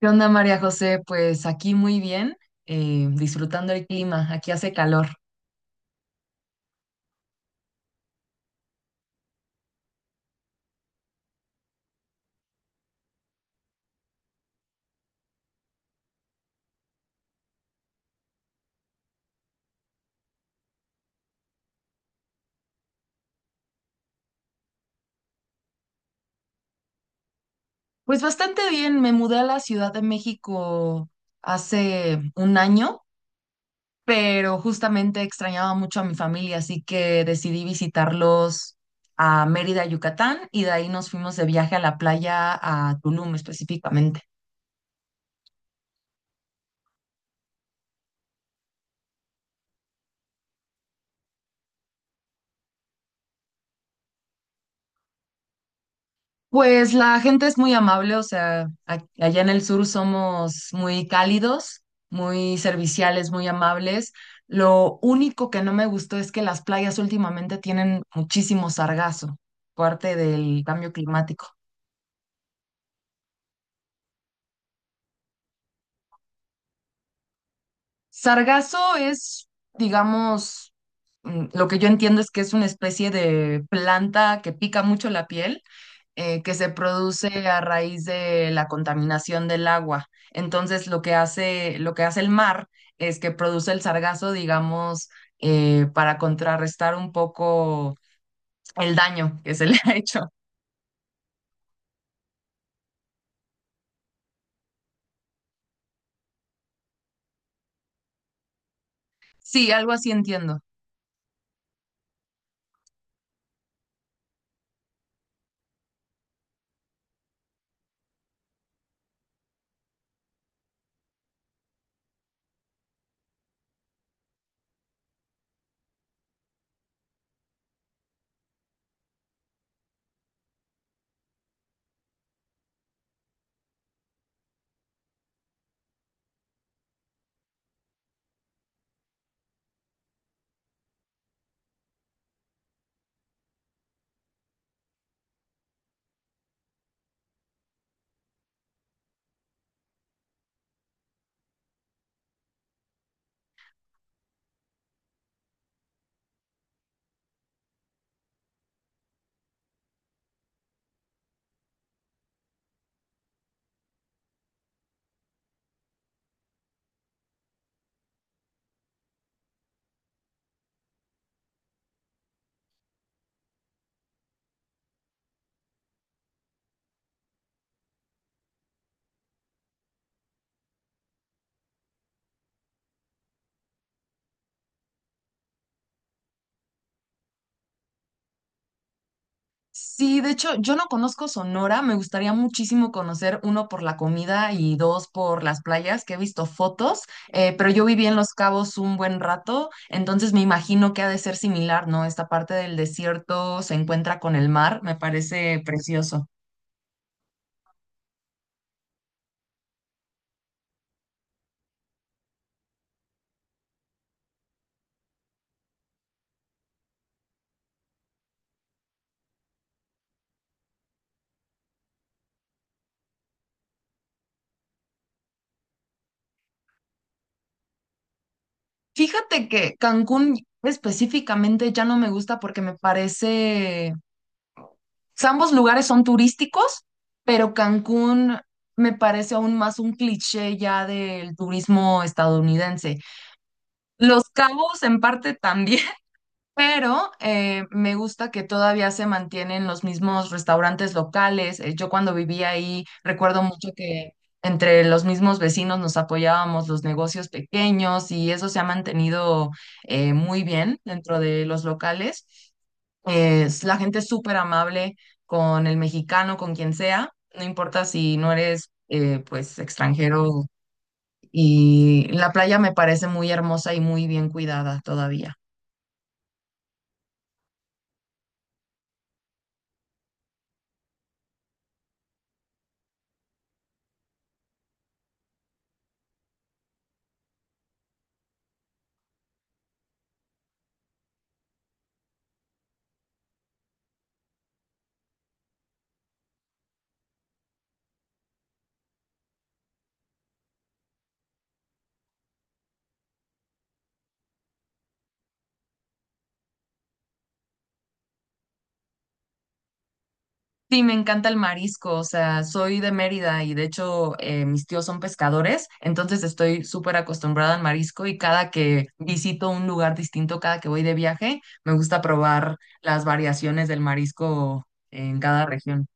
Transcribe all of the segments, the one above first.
¿Qué onda, María José? Pues aquí muy bien, disfrutando el clima, aquí hace calor. Pues bastante bien, me mudé a la Ciudad de México hace un año, pero justamente extrañaba mucho a mi familia, así que decidí visitarlos a Mérida, Yucatán, y de ahí nos fuimos de viaje a la playa a Tulum específicamente. Pues la gente es muy amable, o sea, allá en el sur somos muy cálidos, muy serviciales, muy amables. Lo único que no me gustó es que las playas últimamente tienen muchísimo sargazo, parte del cambio climático. Sargazo es, digamos, lo que yo entiendo es que es una especie de planta que pica mucho la piel, que se produce a raíz de la contaminación del agua. Entonces, lo que hace el mar es que produce el sargazo, digamos, para contrarrestar un poco el daño que se le ha hecho. Sí, algo así entiendo. Sí, de hecho, yo no conozco Sonora, me gustaría muchísimo conocer, uno, por la comida y dos, por las playas, que he visto fotos, pero yo viví en Los Cabos un buen rato, entonces me imagino que ha de ser similar, ¿no? Esta parte del desierto se encuentra con el mar, me parece precioso. Fíjate que Cancún específicamente ya no me gusta porque me parece, o sea, ambos lugares son turísticos, pero Cancún... Me parece aún más un cliché ya del turismo estadounidense. Los Cabos en parte también, pero me gusta que todavía se mantienen los mismos restaurantes locales. Yo cuando vivía ahí recuerdo mucho que entre los mismos vecinos nos apoyábamos los negocios pequeños y eso se ha mantenido, muy bien dentro de los locales. Es, la gente es súper amable con el mexicano, con quien sea, no importa si no eres pues extranjero, y la playa me parece muy hermosa y muy bien cuidada todavía. Sí, me encanta el marisco, o sea, soy de Mérida y de hecho mis tíos son pescadores, entonces estoy súper acostumbrada al marisco y cada que visito un lugar distinto, cada que voy de viaje, me gusta probar las variaciones del marisco en cada región.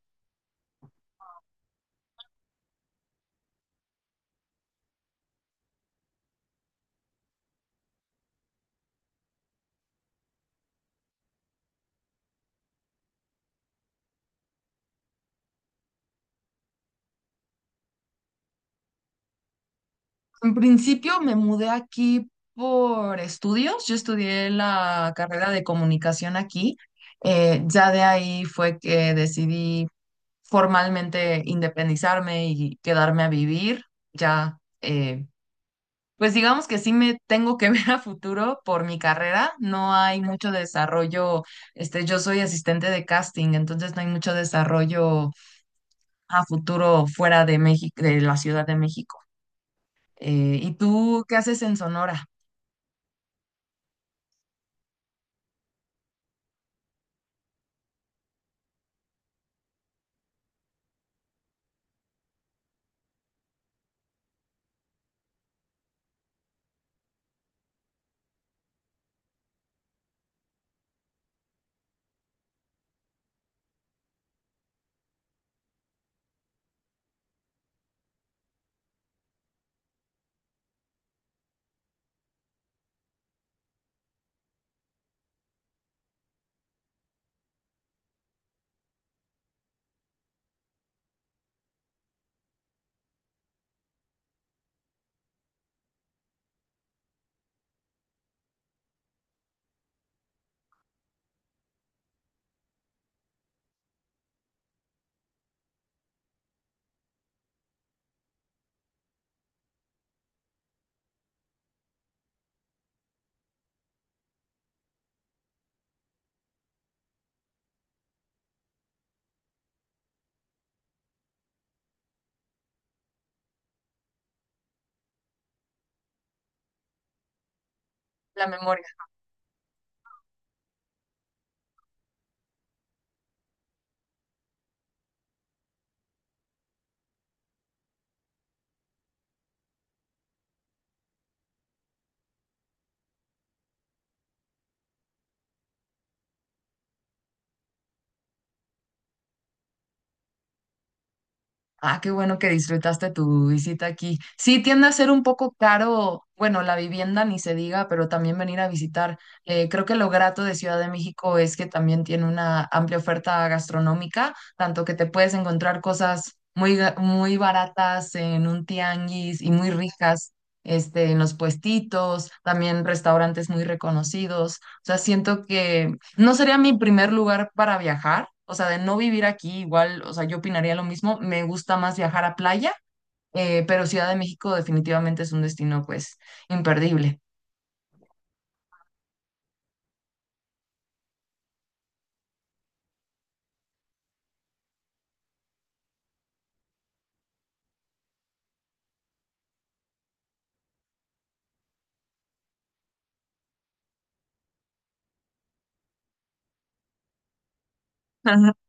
En principio me mudé aquí por estudios, yo estudié la carrera de comunicación aquí, ya de ahí fue que decidí formalmente independizarme y quedarme a vivir. Ya, pues digamos que sí me tengo que ver a futuro por mi carrera. No hay mucho desarrollo. Este, yo soy asistente de casting, entonces no hay mucho desarrollo a futuro fuera de México, de la Ciudad de México. ¿Y tú qué haces en Sonora? La memoria. Ah, qué bueno que disfrutaste tu visita aquí. Sí, tiende a ser un poco caro, bueno, la vivienda ni se diga, pero también venir a visitar. Creo que lo grato de Ciudad de México es que también tiene una amplia oferta gastronómica, tanto que te puedes encontrar cosas muy, muy baratas en un tianguis y muy ricas, este, en los puestitos, también restaurantes muy reconocidos. O sea, siento que no sería mi primer lugar para viajar, o sea, de no vivir aquí igual, o sea, yo opinaría lo mismo, me gusta más viajar a playa, pero Ciudad de México definitivamente es un destino, pues, imperdible.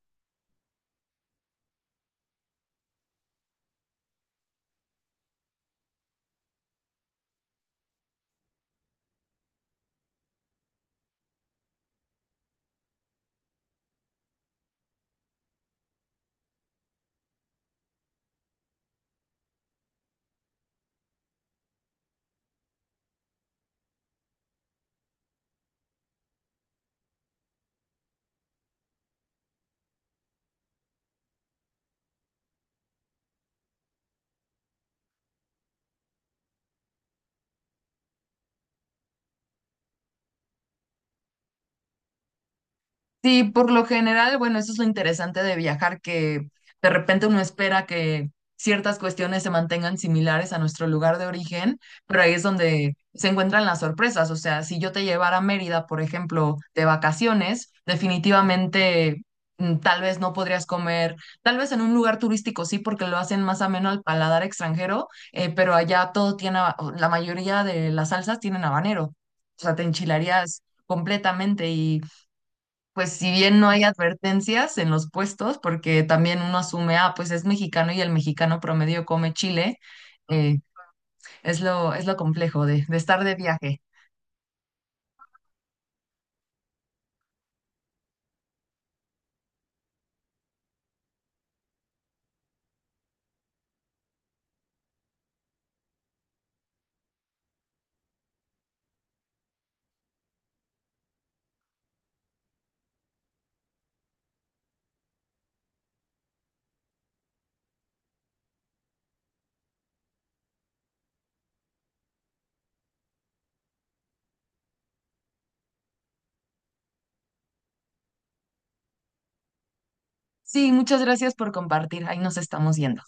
Sí, por lo general, bueno, eso es lo interesante de viajar, que de repente uno espera que ciertas cuestiones se mantengan similares a nuestro lugar de origen, pero ahí es donde se encuentran las sorpresas. O sea, si yo te llevara a Mérida, por ejemplo, de vacaciones, definitivamente tal vez no podrías comer, tal vez en un lugar turístico sí, porque lo hacen más ameno al paladar extranjero, pero allá todo tiene, o la mayoría de las salsas tienen habanero. O sea, te enchilarías completamente, pues si bien no hay advertencias en los puestos, porque también uno asume, ah, pues es mexicano y el mexicano promedio come chile, eh, es lo complejo de estar de viaje. Sí, muchas gracias por compartir. Ahí nos estamos yendo.